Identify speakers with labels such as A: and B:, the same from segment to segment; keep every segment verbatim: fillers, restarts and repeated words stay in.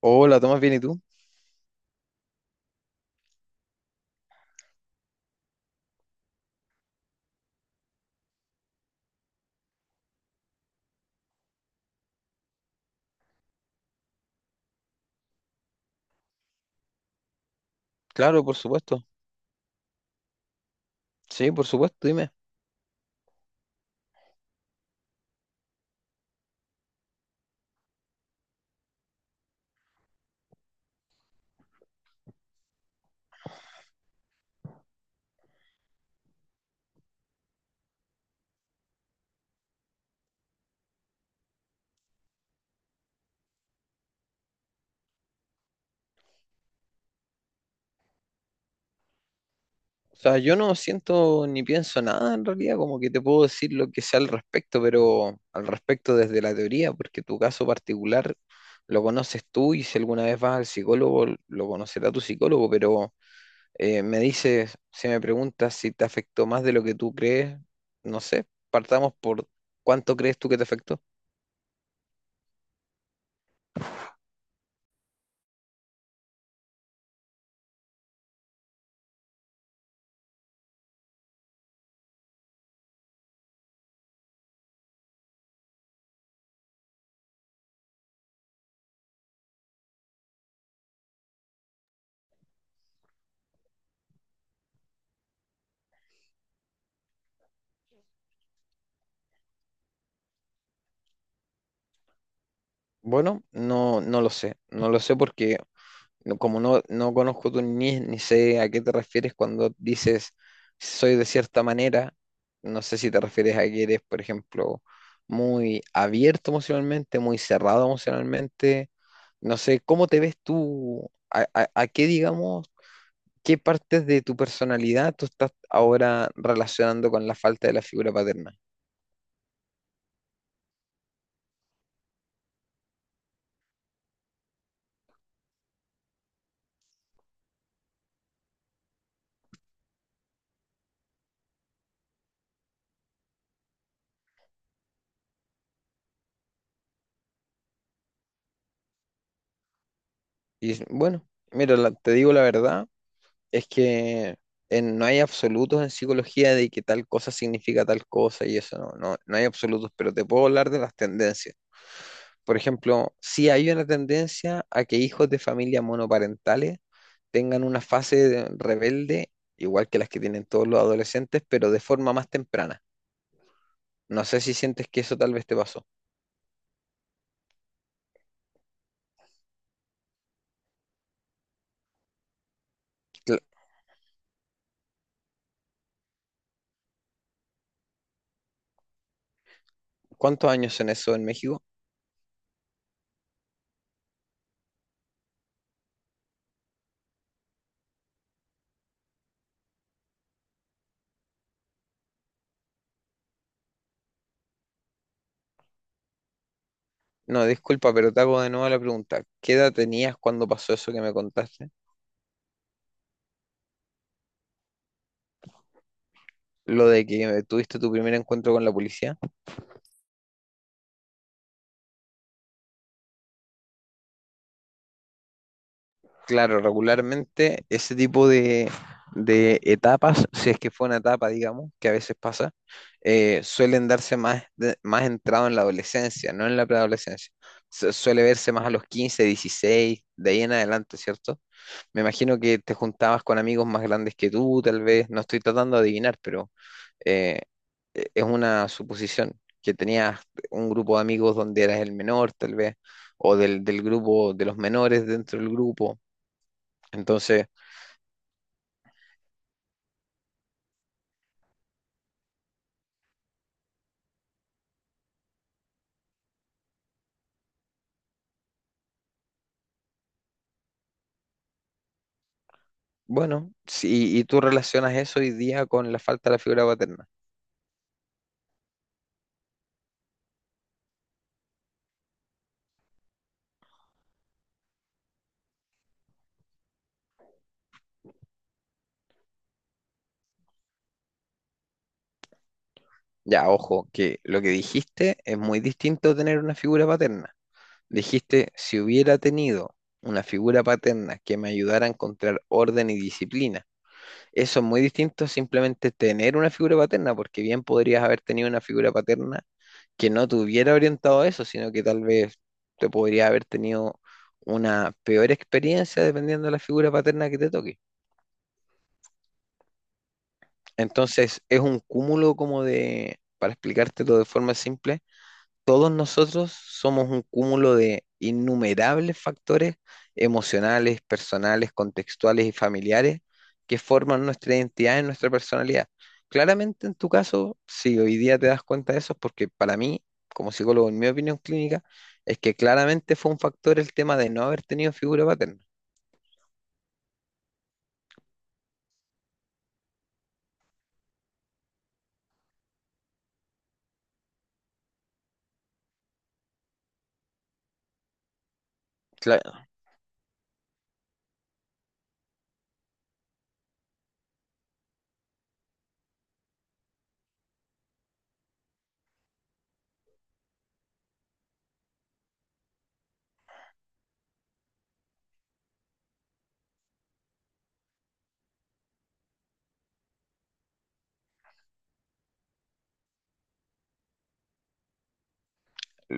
A: Hola, Tomás, ¿bien y tú? Claro, por supuesto. Sí, por supuesto, dime. O sea, yo no siento ni pienso nada en realidad, como que te puedo decir lo que sea al respecto, pero al respecto desde la teoría, porque tu caso particular lo conoces tú y si alguna vez vas al psicólogo, lo conocerá tu psicólogo, pero eh, me dices, si me preguntas si te afectó más de lo que tú crees, no sé, partamos por cuánto crees tú que te afectó. Bueno, no, no lo sé, no lo sé porque no- como no, no conozco tu niñez ni sé a qué te refieres cuando dices soy de cierta manera, no sé si te refieres a que eres, por ejemplo, muy abierto emocionalmente, muy cerrado emocionalmente, no sé, ¿cómo te ves tú? ¿A, a- a qué, digamos, qué partes de tu personalidad tú estás ahora relacionando con la falta de la figura paterna? Y bueno, mira, la- te digo la verdad. Es que en- no hay absolutos en psicología de que tal cosa significa tal cosa y eso no, no, no hay absolutos, pero te puedo hablar de las tendencias. Por ejemplo, sí hay una tendencia a que hijos de familias monoparentales tengan una fase de- rebelde, igual que las que tienen todos los adolescentes, pero de forma más temprana. No sé si sientes que eso tal vez te pasó. Cla- ¿Cuántos años son eso en México? No, disculpa, pero te hago de nuevo la pregunta. ¿Qué edad tenías cuando pasó eso que me contaste? Lo de que tuviste tu primer encuentro con la policía. Claro, regularmente ese tipo de, de etapas, si es que fue una etapa, digamos, que a veces pasa, eh, suelen darse más, de- más entrado en la adolescencia, no en la preadolescencia. Su- suele verse más a los quince dieciséis de ahí en adelante, ¿cierto? Me imagino que te juntabas con amigos más grandes que tú, tal vez, no estoy tratando de adivinar, pero eh, e- es una suposición, que tenías un grupo de amigos donde eras el menor, tal vez, o del, del grupo de los menores dentro del grupo. Entonces, bueno, si, y tú relacionas eso hoy día con la falta de la figura paterna. Ya, ojo, que lo que dijiste es muy distinto a tener una figura paterna. Dijiste, si hubiera tenido una figura paterna que me ayudara a encontrar orden y disciplina. Eso es muy distinto a simplemente tener una figura paterna, porque bien podrías haber tenido una figura paterna que no te hubiera orientado a eso, sino que tal vez te podría haber tenido una peor experiencia dependiendo de la figura paterna que te toque. Entonces, es un cúmulo como de, para explicártelo de forma simple, todos nosotros somos un cúmulo de innumerables factores emocionales, personales, contextuales y familiares que forman nuestra identidad y nuestra personalidad. Claramente en tu caso, si hoy día te das cuenta de eso, es porque para mí, como psicólogo, en mi opinión clínica, es que claramente fue un factor el tema de no haber tenido figura paterna. Cla-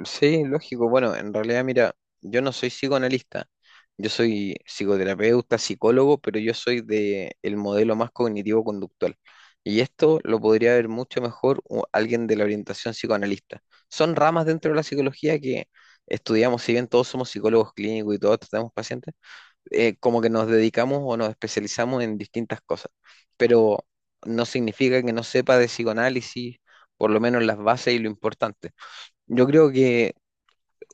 A: Sí, lógico. Bueno, en realidad, mira, yo no soy psicoanalista, yo soy psicoterapeuta, psicólogo, pero yo soy de el modelo más cognitivo-conductual. Y esto lo podría ver mucho mejor u- alguien de la orientación psicoanalista. Son ramas dentro de la psicología que estudiamos, si bien todos somos psicólogos clínicos y todos tratamos pacientes, eh, como que nos dedicamos o nos especializamos en distintas cosas. Pero no significa que no sepa de psicoanálisis, por lo menos las bases y lo importante. Yo creo que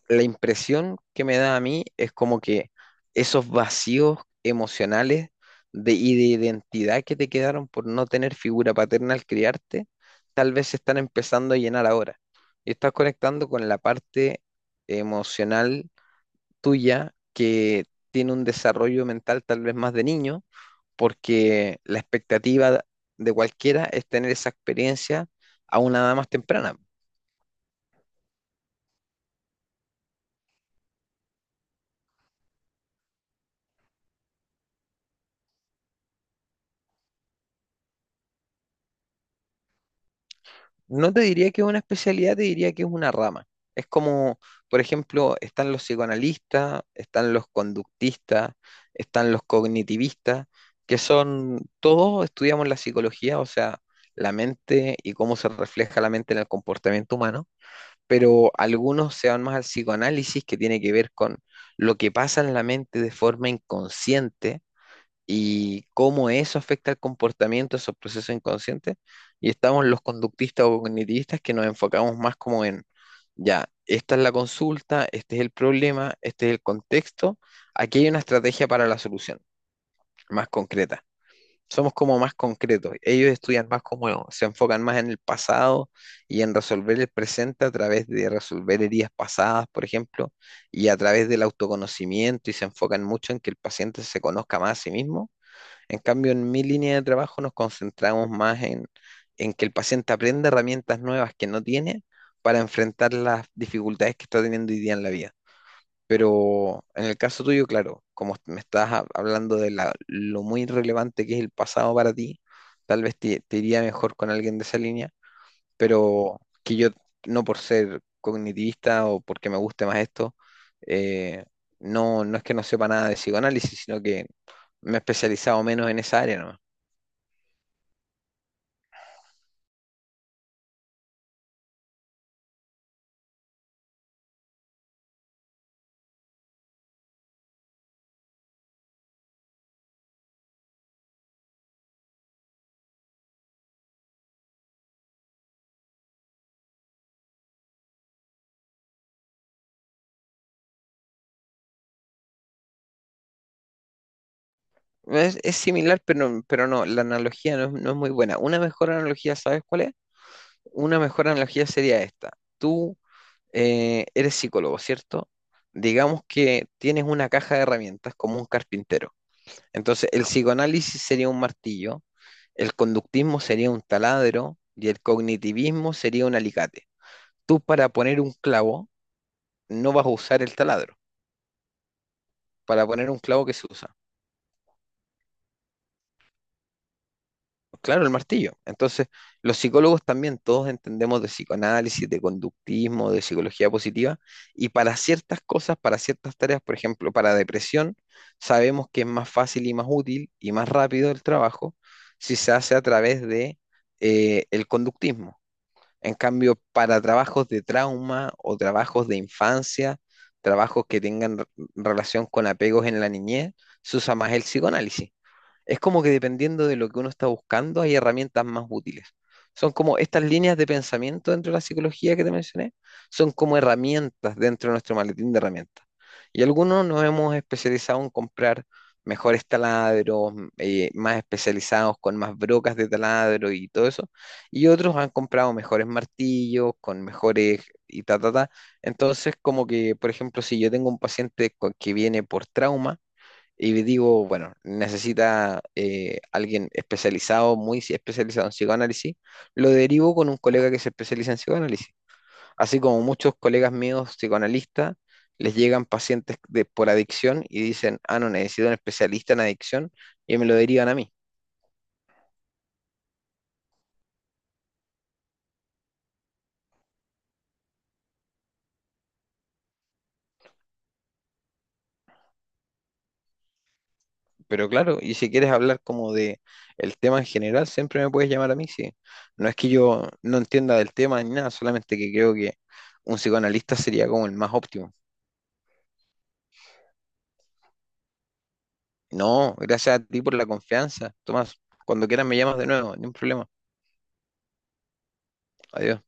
A: la impresión que me da a mí es como que esos vacíos emocionales de, y de identidad que te quedaron por no tener figura paterna al criarte, tal vez se están empezando a llenar ahora. Y estás conectando con la parte emocional tuya que tiene un desarrollo mental tal vez más de niño, porque la expectativa de cualquiera es tener esa experiencia a una edad más temprana. No te diría que es una especialidad, te diría que es una rama. Es como, por ejemplo, están los psicoanalistas, están los conductistas, están los cognitivistas, que son, todos estudiamos la psicología, o sea, la mente y cómo se refleja la mente en el comportamiento humano, pero algunos se van más al psicoanálisis, que tiene que ver con lo que pasa en la mente de forma inconsciente y cómo eso afecta el comportamiento, esos procesos inconscientes. Y estamos los conductistas o cognitivistas que nos enfocamos más como en, ya, esta es la consulta, este es el problema, este es el contexto, aquí hay una estrategia para la solución, más concreta. Somos como más concretos. Ellos estudian más como, se enfocan más en el pasado y en resolver el presente a través de resolver heridas pasadas, por ejemplo, y a través del autoconocimiento y se enfocan mucho en que el paciente se conozca más a sí mismo en cambio, en mi línea de trabajo nos concentramos más en, en que el paciente aprenda herramientas nuevas que no tiene para enfrentar las dificultades que está teniendo hoy día en la vida. Pero en el caso tuyo, claro, como me estás ha- hablando de la- lo muy relevante que es el pasado para ti, tal vez te, te iría mejor con alguien de esa línea, pero que yo, no por ser cognitivista o porque me guste más esto, eh, no, no es que no sepa nada de psicoanálisis, sino que me he especializado menos en esa área, ¿no? Es, es similar, pero, pero no, la analogía no es, no es muy buena. Una mejor analogía, ¿sabes cuál es? Una mejor analogía sería esta. Tú eh, eres psicólogo, ¿cierto? Digamos que tienes una caja de herramientas como un carpintero. Entonces, el psicoanálisis sería un martillo, el conductismo sería un taladro y el cognitivismo sería un alicate. Tú para poner un clavo no vas a usar el taladro, para poner un clavo que se usa. Claro, el martillo. Entonces, los psicólogos también todos entendemos de psicoanálisis, de conductismo, de psicología positiva, y para ciertas cosas, para ciertas tareas, por ejemplo, para depresión, sabemos que es más fácil y más útil y más rápido el trabajo si se hace a través de eh, el conductismo. En cambio, para trabajos de trauma o trabajos de infancia, trabajos que tengan re- relación con apegos en la niñez, se usa más el psicoanálisis. Es como que dependiendo de lo que uno está buscando, hay herramientas más útiles. Son como estas líneas de pensamiento dentro de la psicología que te mencioné, son como herramientas dentro de nuestro maletín de herramientas. Y algunos nos hemos especializado en comprar mejores taladros, eh, más especializados con más brocas de taladro y todo eso. Y otros han comprado mejores martillos, con mejores y ta, ta, ta. Entonces, como que, por ejemplo, si yo tengo un paciente con- que viene por trauma, y digo, bueno, necesita eh, alguien especializado, muy si- especializado en psicoanálisis. Lo derivo con un colega que se especializa en psicoanálisis. Así como muchos colegas míos psicoanalistas, les llegan pacientes de- por adicción y dicen, ah, no, necesito un especialista en adicción y me lo derivan a mí. Pero claro, y si quieres hablar como de el tema en general, siempre me puedes llamar a mí, sí. No es que yo no entienda del tema ni nada, solamente que creo que un psicoanalista sería como el más óptimo. No, gracias a ti por la confianza. Tomás, cuando quieras me llamas de nuevo, ni un problema. Adiós.